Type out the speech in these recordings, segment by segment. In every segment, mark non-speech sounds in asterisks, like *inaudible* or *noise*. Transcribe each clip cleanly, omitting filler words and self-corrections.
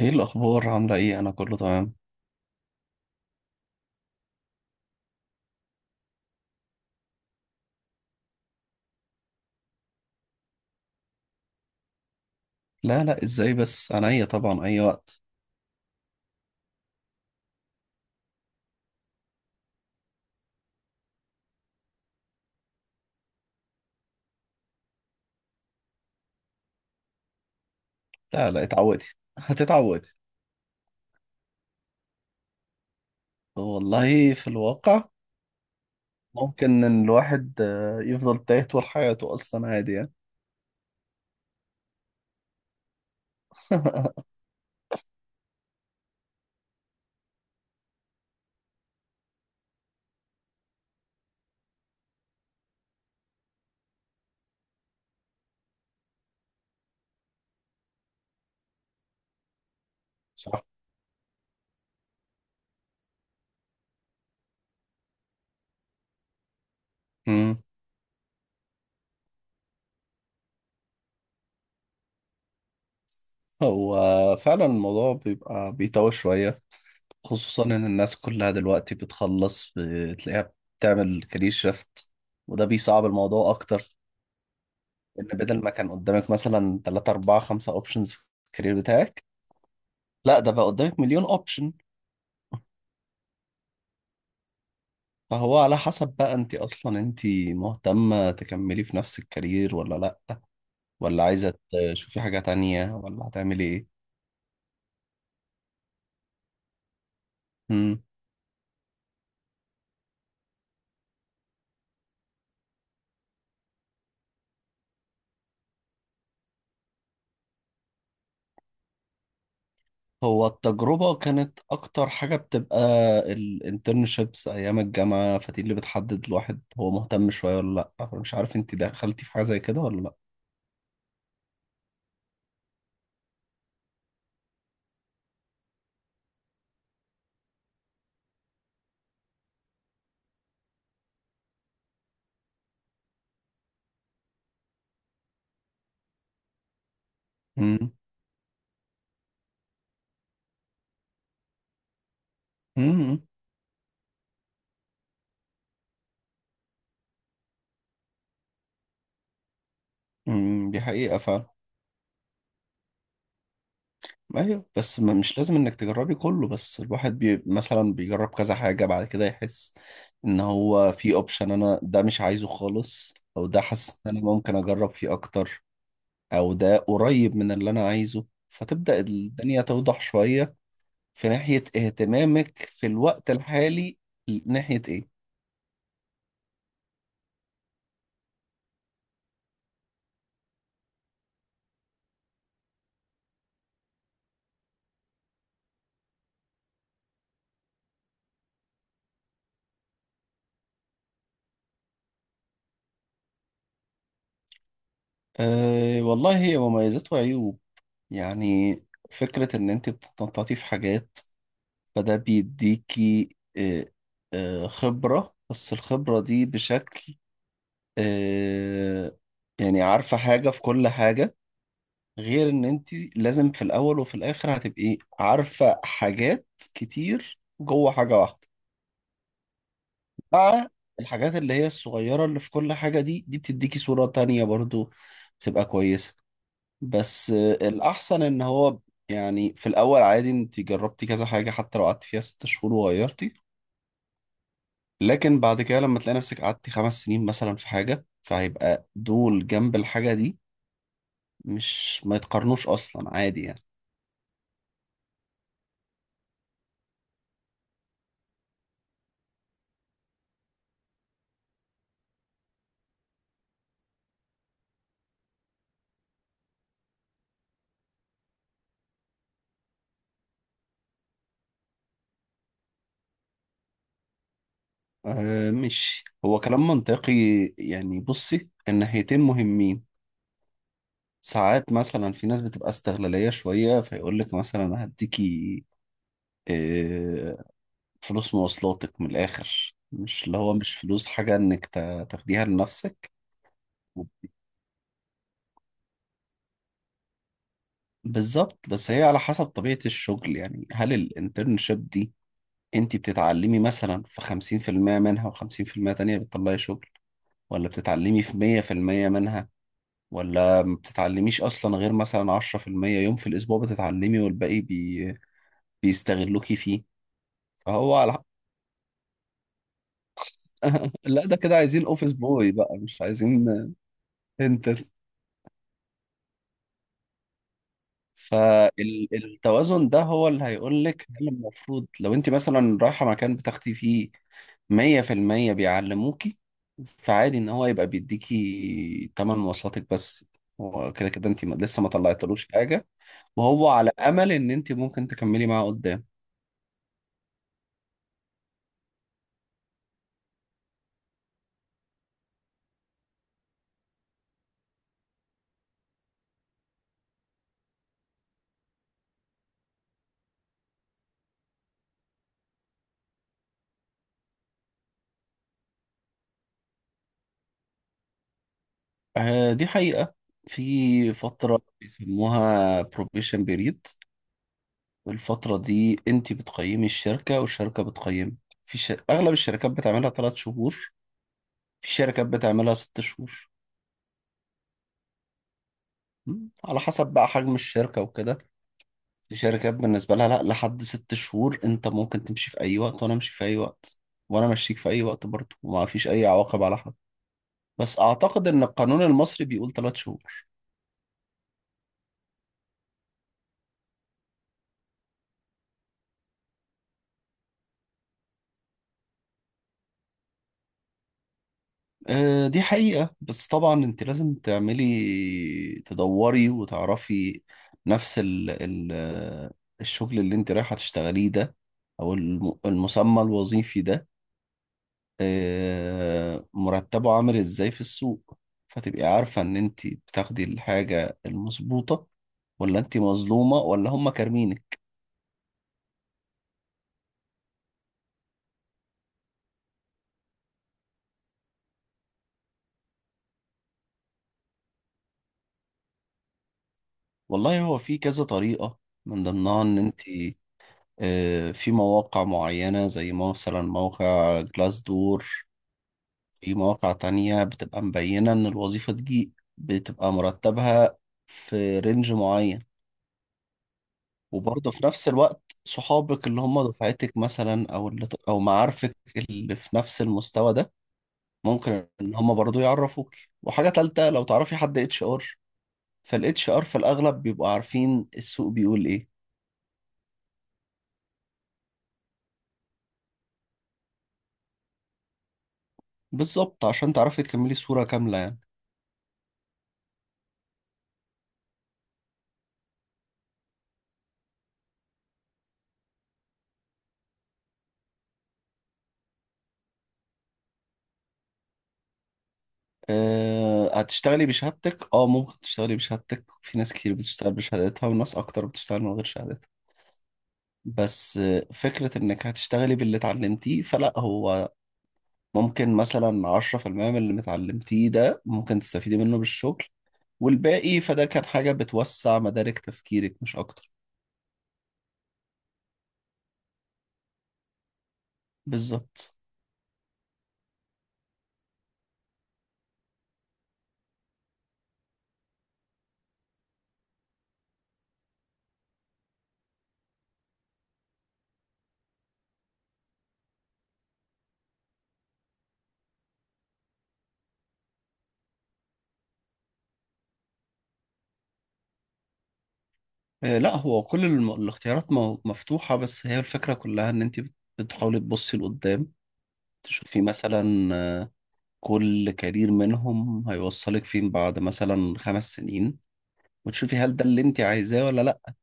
ايه الاخبار؟ عامله ايه؟ انا كله تمام. لا لا، ازاي بس؟ انا ايه؟ طبعا اي وقت. لا لا اتعودي، *laughs* هتتعودي. والله في الواقع ممكن ان الواحد يفضل تايه طول حياته اصلا، عادي يعني. صح. امم. هو فعلا الموضوع بيبقى بيتوه شويه، خصوصا ان الناس كلها دلوقتي بتخلص بتلاقيها بتعمل كارير شيفت، وده بيصعب الموضوع اكتر. ان بدل ما كان قدامك مثلا 3 4 5 اوبشنز في الكارير بتاعك، لا ده بقى قدامك مليون اوبشن. فهو على حسب بقى انت اصلا انت مهتمة تكملي في نفس الكارير ولا لا، ولا عايزة تشوفي حاجة تانية، ولا هتعملي ايه. مم. هو التجربة كانت اكتر حاجة بتبقى الانترنشيبس ايام الجامعة، فدي اللي بتحدد الواحد هو مهتم شوية ولا لا. مش عارف انت دخلتي في حاجة زي كده ولا لا. مم. مم. مم. دي حقيقة فعلا. ايوه بس مش لازم انك تجربي كله، بس الواحد بي مثلا بيجرب كذا حاجة بعد كده يحس ان هو في اوبشن انا ده مش عايزه خالص، او ده حاسس ان انا ممكن اجرب فيه اكتر، او ده قريب من اللي انا عايزه، فتبدأ الدنيا توضح شوية في ناحية اهتمامك. في الوقت الحالي ناحية ايه؟ أه والله، هي مميزات وعيوب يعني. فكرة ان انت بتتنططي في حاجات، فده بيديكي خبرة، بس الخبرة دي بشكل، آه، يعني عارفة حاجة في كل حاجة، غير ان انت لازم في الاول وفي الاخر هتبقي عارفة حاجات كتير جوه حاجة واحدة، مع الحاجات اللي هي الصغيرة اللي في كل حاجة، دي دي بتديكي صورة تانية برضو بتبقى كويسة. بس الأحسن إن هو يعني في الأول عادي أنت جربتي كذا حاجة، حتى لو قعدت فيها 6 شهور وغيرتي، لكن بعد كده لما تلاقي نفسك قعدتي 5 سنين مثلا في حاجة، فهيبقى دول جنب الحاجة دي مش ما يتقارنوش أصلا، عادي يعني. أه، مش هو كلام منطقي يعني. بصي، الناحيتين مهمين. ساعات مثلا في ناس بتبقى استغلالية شوية، فيقول لك مثلا أنا هديكي أه فلوس مواصلاتك، من الآخر مش اللي هو مش فلوس حاجة إنك تاخديها لنفسك. بالظبط، بس هي على حسب طبيعة الشغل يعني. هل الانترنشيب دي انت بتتعلمي مثلا في 50% منها و50% تانية بتطلعي شغل، ولا بتتعلمي في 100% منها، ولا ما بتتعلميش اصلا غير مثلا 10%، يوم في الاسبوع بتتعلمي والباقي بيستغلوكي فيه. فهو على، *laughs* لا ده كده عايزين اوفيس بوي بقى، مش عايزين انت. فالتوازن ده هو اللي هيقول لك هل المفروض لو انت مثلا رايحه مكان بتاخدي فيه مية في المية بيعلموكي، فعادي ان هو يبقى بيديكي تمن مواصلاتك بس، هو كده كده انت لسه ما طلعتلوش حاجة، وهو على امل ان انت ممكن تكملي معاه قدام. دي حقيقة. في فترة بيسموها probation period، والفترة دي انت بتقيمي الشركة والشركة بتقيمك. في اغلب الشركات بتعملها 3 شهور، في شركات بتعملها 6 شهور. م؟ على حسب بقى حجم الشركة وكده. الشركات بالنسبة لها، لا، لحد 6 شهور انت ممكن تمشي في اي وقت، وانا امشي في اي وقت، وانا مشيك في اي وقت برضه، وما فيش اي عواقب على حد. بس اعتقد ان القانون المصري بيقول 3 شهور. دي حقيقة، بس طبعا انت لازم تعملي تدوري وتعرفي نفس ال الشغل اللي انت رايحة تشتغليه ده، او المسمى الوظيفي ده، مرتبه عامل ازاي في السوق، فتبقي عارفة ان انت بتاخدي الحاجة المظبوطة، ولا انت مظلومة، ولا هم كارمينك. والله هو في كذا طريقة، من ضمنها ان انت، في مواقع معينة زي مثلا موقع جلاس دور، في مواقع تانية بتبقى مبينة ان الوظيفة دي بتبقى مرتبها في رينج معين. وبرضه في نفس الوقت صحابك اللي هم دفعتك مثلا، او اللي او معارفك اللي في نفس المستوى ده، ممكن ان هم برضه يعرفوك. وحاجة تالتة، لو تعرفي حد اتش ار، فالاتش ار في الاغلب بيبقوا عارفين السوق بيقول ايه. بالظبط، عشان تعرفي تكملي صورة كاملة يعني. أه هتشتغلي بشهادتك، اه ممكن تشتغلي بشهادتك، في ناس كتير بتشتغل بشهادتها وناس اكتر بتشتغل من غير شهادتها. بس فكرة انك هتشتغلي باللي اتعلمتيه، فلا، هو ممكن مثلا 10% من اللي متعلمتيه ده ممكن تستفيدي منه بالشغل، والباقي فده كان حاجة بتوسع مدارك تفكيرك مش أكتر. بالظبط. لا، هو كل الاختيارات مفتوحة، بس هي الفكرة كلها إن أنت بتحاولي تبصي لقدام، تشوفي مثلا كل كارير منهم هيوصلك فين بعد مثلا 5 سنين، وتشوفي هل ده اللي أنت عايزاه ولا لأ.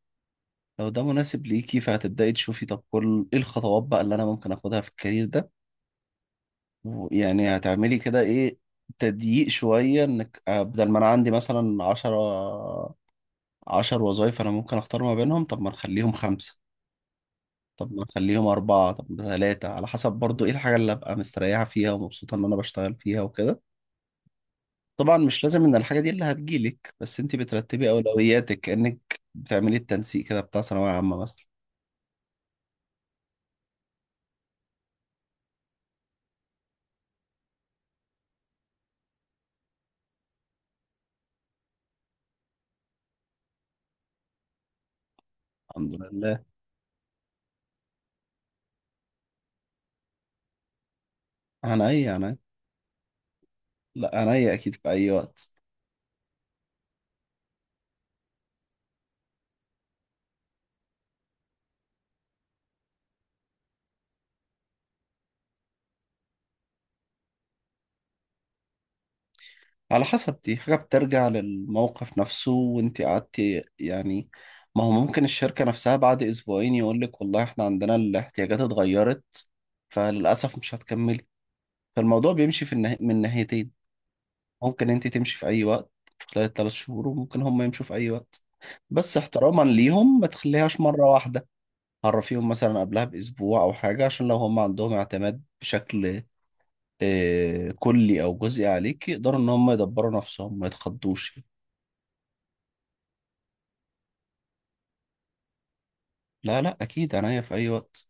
لو ده مناسب ليكي فهتبدأي تشوفي، طب كل إيه الخطوات بقى اللي أنا ممكن أخدها في الكارير ده. يعني هتعملي كده ايه، تضييق شوية انك بدل ما انا عندي مثلا عشرة، عشر وظايف انا ممكن اختار ما بينهم، طب ما نخليهم خمسة، طب ما نخليهم أربعة، طب ما ثلاثة، على حسب برضو ايه الحاجة اللي ابقى مستريحة فيها ومبسوطة ان انا بشتغل فيها وكده. طبعا مش لازم ان الحاجة دي اللي هتجيلك، بس انت بترتبي اولوياتك، كأنك بتعملي التنسيق كده بتاع ثانوية عامة مثلا. الحمد لله. عن اي؟ عن اي؟ لا، عن اي اكيد، في اي وقت. على حسب. دي حاجة بترجع للموقف نفسه وانت قعدتي يعني. ما هو ممكن الشركة نفسها بعد أسبوعين يقولك والله احنا عندنا الاحتياجات اتغيرت، فللأسف مش هتكملي. فالموضوع بيمشي في من ناحيتين، ممكن انت تمشي في أي وقت خلال ال3 شهور، وممكن هم يمشوا في أي وقت. بس احتراما ليهم ما تخليهاش مرة واحدة، عرفيهم مثلا قبلها بأسبوع أو حاجة، عشان لو هم عندهم اعتماد بشكل كلي أو جزئي عليك، يقدروا إن هم يدبروا نفسهم ما يتخضوش. لا لا اكيد، عناية في اي وقت.